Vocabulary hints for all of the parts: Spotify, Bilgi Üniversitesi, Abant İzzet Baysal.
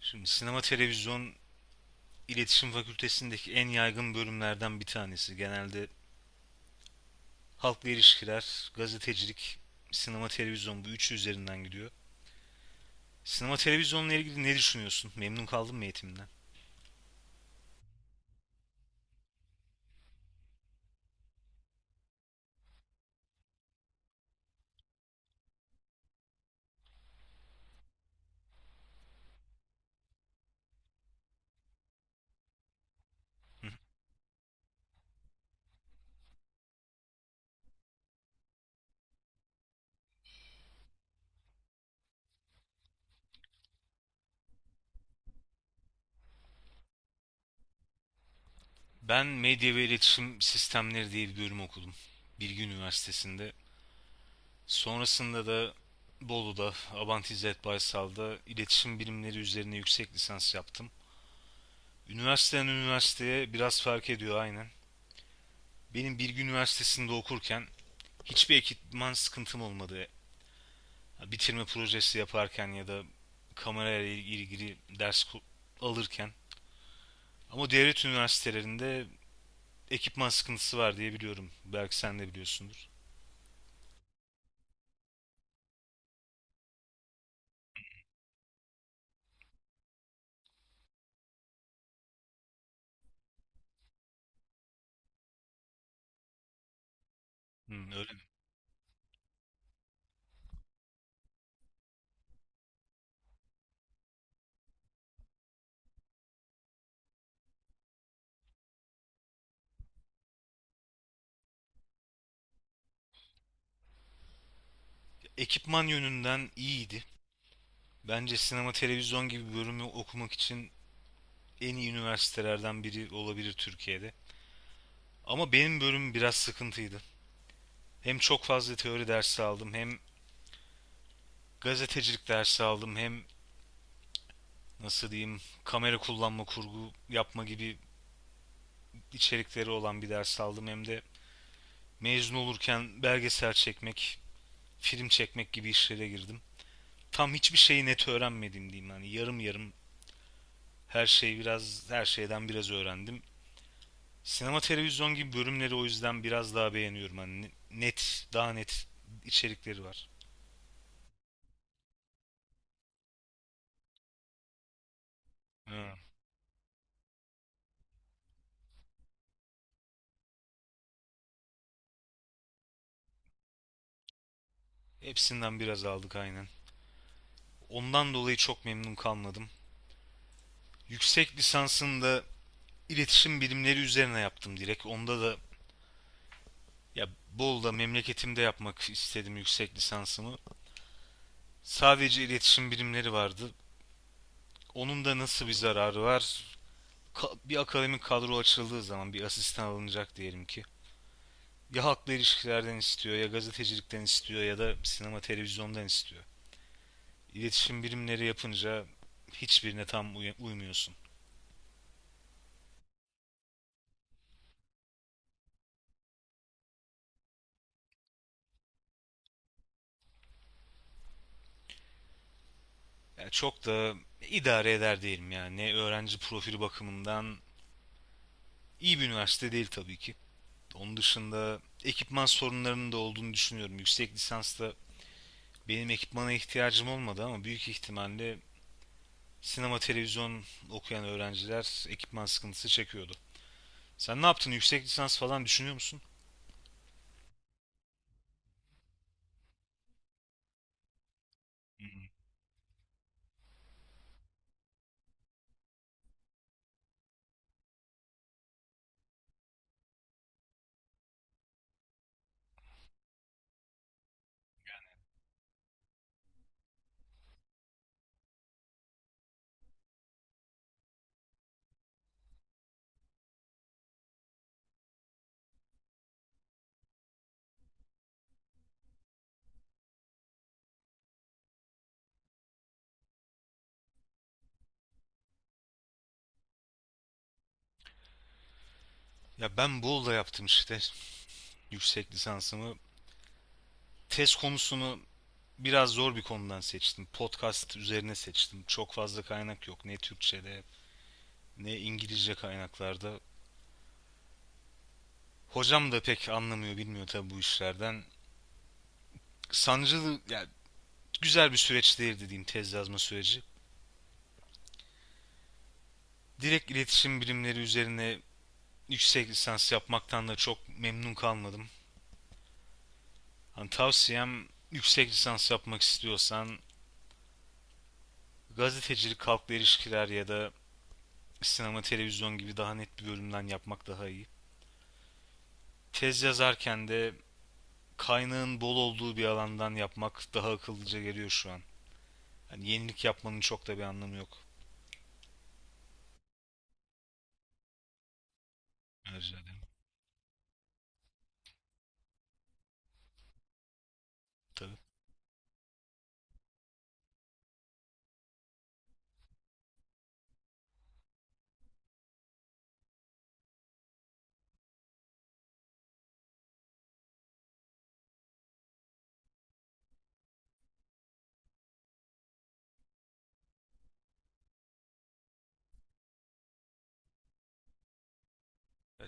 Şimdi sinema televizyon iletişim fakültesindeki en yaygın bölümlerden bir tanesi. Genelde halkla ilişkiler, gazetecilik, sinema televizyon bu üçü üzerinden gidiyor. Sinema televizyonla ilgili ne düşünüyorsun? Memnun kaldın mı eğitiminden? Hı. Ben medya ve iletişim sistemleri diye bir bölüm okudum. Bilgi Üniversitesi'nde. Sonrasında da Bolu'da, Abant İzzet Baysal'da iletişim bilimleri üzerine yüksek lisans yaptım. Üniversiteden üniversiteye biraz fark ediyor aynen. Benim Bilgi Üniversitesi'nde okurken hiçbir ekipman sıkıntım olmadı. Bitirme projesi yaparken ya da kamerayla ilgili ders alırken. Ama devlet üniversitelerinde ekipman sıkıntısı var diye biliyorum. Belki sen de biliyorsundur. Hmm, öyle mi? Ekipman yönünden iyiydi. Bence sinema televizyon gibi bir bölümü okumak için en iyi üniversitelerden biri olabilir Türkiye'de. Ama benim bölümüm biraz sıkıntıydı. Hem çok fazla teori dersi aldım, hem gazetecilik dersi aldım, hem nasıl diyeyim kamera kullanma, kurgu yapma gibi içerikleri olan bir ders aldım. Hem de mezun olurken belgesel çekmek, film çekmek gibi işlere girdim. Tam hiçbir şeyi net öğrenmedim diyeyim. Yani yarım yarım her şeyi biraz her şeyden biraz öğrendim. Sinema televizyon gibi bölümleri o yüzden biraz daha beğeniyorum. Hani net, daha net içerikleri var. Ha, hepsinden biraz aldık aynen. Ondan dolayı çok memnun kalmadım. Yüksek lisansında İletişim bilimleri üzerine yaptım direkt. Onda da ya Bolu'da memleketimde yapmak istedim yüksek lisansımı. Sadece iletişim bilimleri vardı. Onun da nasıl bir zararı var? Bir akademik kadro açıldığı zaman bir asistan alınacak diyelim ki. Ya halkla ilişkilerden istiyor, ya gazetecilikten istiyor, ya da sinema televizyondan istiyor. İletişim bilimleri yapınca hiçbirine tam uymuyorsun. Yani çok da idare eder diyelim yani. Ne öğrenci profili bakımından iyi bir üniversite değil tabii ki. Onun dışında ekipman sorunlarının da olduğunu düşünüyorum. Yüksek lisansta benim ekipmana ihtiyacım olmadı ama büyük ihtimalle sinema televizyon okuyan öğrenciler ekipman sıkıntısı çekiyordu. Sen ne yaptın? Yüksek lisans falan düşünüyor musun? Hı hı. Ya ben Bolu'da yaptım işte yüksek lisansımı. Tez konusunu biraz zor bir konudan seçtim. Podcast üzerine seçtim. Çok fazla kaynak yok. Ne Türkçe'de ne İngilizce kaynaklarda. Hocam da pek anlamıyor, bilmiyor tabii bu işlerden. Sancılı, ya güzel bir süreç değil dediğim tez yazma süreci. Direkt iletişim bilimleri üzerine yüksek lisans yapmaktan da çok memnun kalmadım. Hani tavsiyem yüksek lisans yapmak istiyorsan gazetecilik, halkla ilişkiler ya da sinema, televizyon gibi daha net bir bölümden yapmak daha iyi. Tez yazarken de kaynağın bol olduğu bir alandan yapmak daha akıllıca geliyor şu an. Yani yenilik yapmanın çok da bir anlamı yok. Rica ederim. Tabii.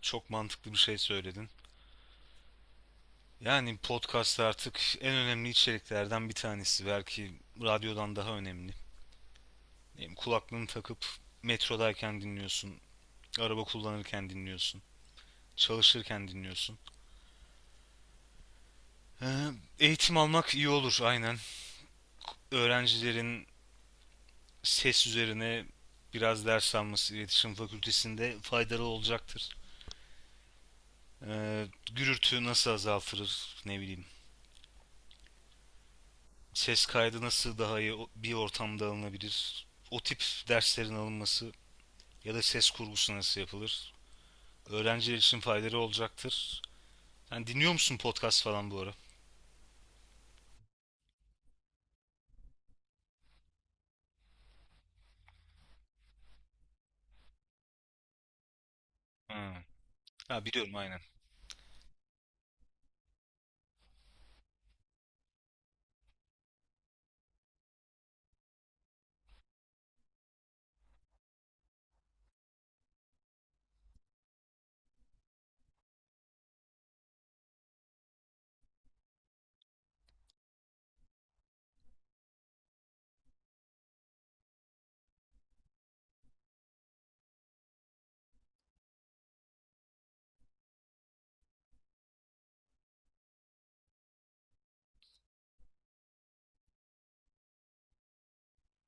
Çok mantıklı bir şey söyledin. Yani podcast artık en önemli içeriklerden bir tanesi. Belki radyodan daha önemli. Yani kulaklığını takıp metrodayken dinliyorsun, araba kullanırken dinliyorsun, çalışırken dinliyorsun. Ee, eğitim almak iyi olur aynen. Öğrencilerin ses üzerine biraz ders alması iletişim fakültesinde faydalı olacaktır. Ee, gürültü nasıl azaltılır ne bileyim. Ses kaydı nasıl daha iyi bir ortamda alınabilir. O tip derslerin alınması ya da ses kurgusu nasıl yapılır? Öğrenciler için faydaları olacaktır. Sen dinliyor musun podcast falan bu ara? Ha. Ha, biliyorum aynen.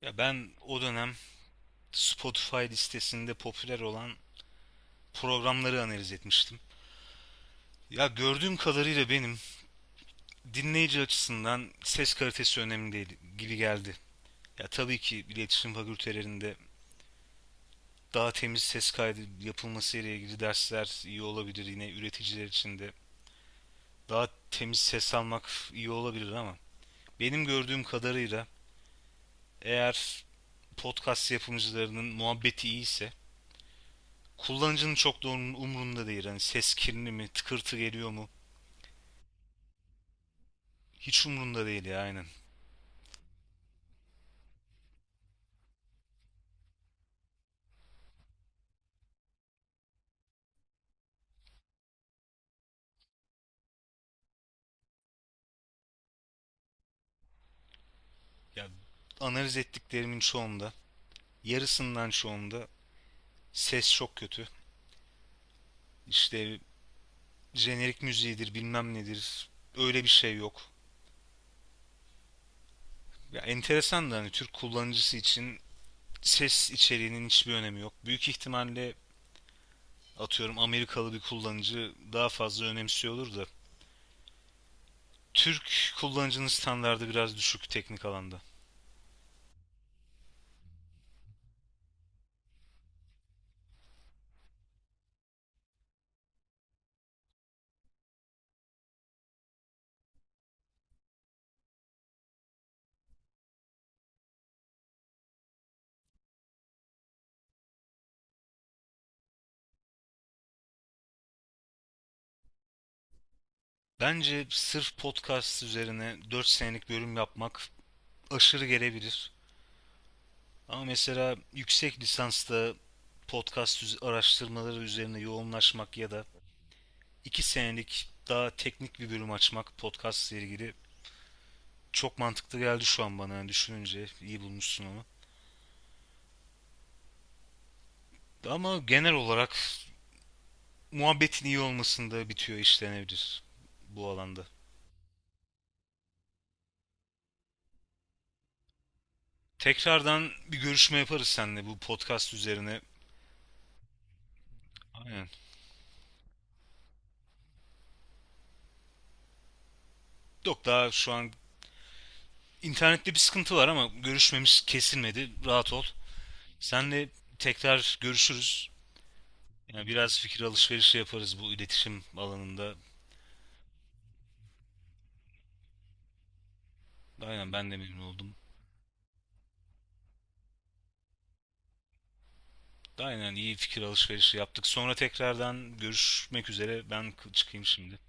Ya ben o dönem Spotify listesinde popüler olan programları analiz etmiştim. Ya gördüğüm kadarıyla benim dinleyici açısından ses kalitesi önemli değil gibi geldi. Ya tabii ki iletişim fakültelerinde daha temiz ses kaydı yapılması ile ilgili dersler iyi olabilir. Yine üreticiler için de daha temiz ses almak iyi olabilir ama benim gördüğüm kadarıyla eğer podcast yapımcılarının muhabbeti iyiyse kullanıcının çok da onun umrunda değil. Hani ses kirli mi, tıkırtı geliyor mu? Hiç umrunda değil ya aynen. Ya analiz ettiklerimin çoğunda, yarısından çoğunda ses çok kötü. İşte jenerik müziğidir, bilmem nedir. Öyle bir şey yok. Ya enteresan da hani Türk kullanıcısı için ses içeriğinin hiçbir önemi yok. Büyük ihtimalle atıyorum Amerikalı bir kullanıcı daha fazla önemsiyordur da Türk kullanıcının standardı biraz düşük teknik alanda. Bence sırf podcast üzerine 4 senelik bölüm yapmak aşırı gelebilir. Ama mesela yüksek lisansta podcast araştırmaları üzerine yoğunlaşmak ya da 2 senelik daha teknik bir bölüm açmak podcast ile ilgili çok mantıklı geldi şu an bana yani düşününce iyi bulmuşsun onu. Ama genel olarak muhabbetin iyi olmasında bitiyor işlenebilir bu alanda. Tekrardan bir görüşme yaparız seninle bu podcast üzerine. Aynen. Yok daha şu an internette bir sıkıntı var ama görüşmemiz kesilmedi. Rahat ol. Seninle tekrar görüşürüz. Yani biraz fikir alışverişi yaparız bu iletişim alanında. Aynen ben de memnun oldum. Aynen iyi fikir alışverişi yaptık. Sonra tekrardan görüşmek üzere. Ben çıkayım şimdi.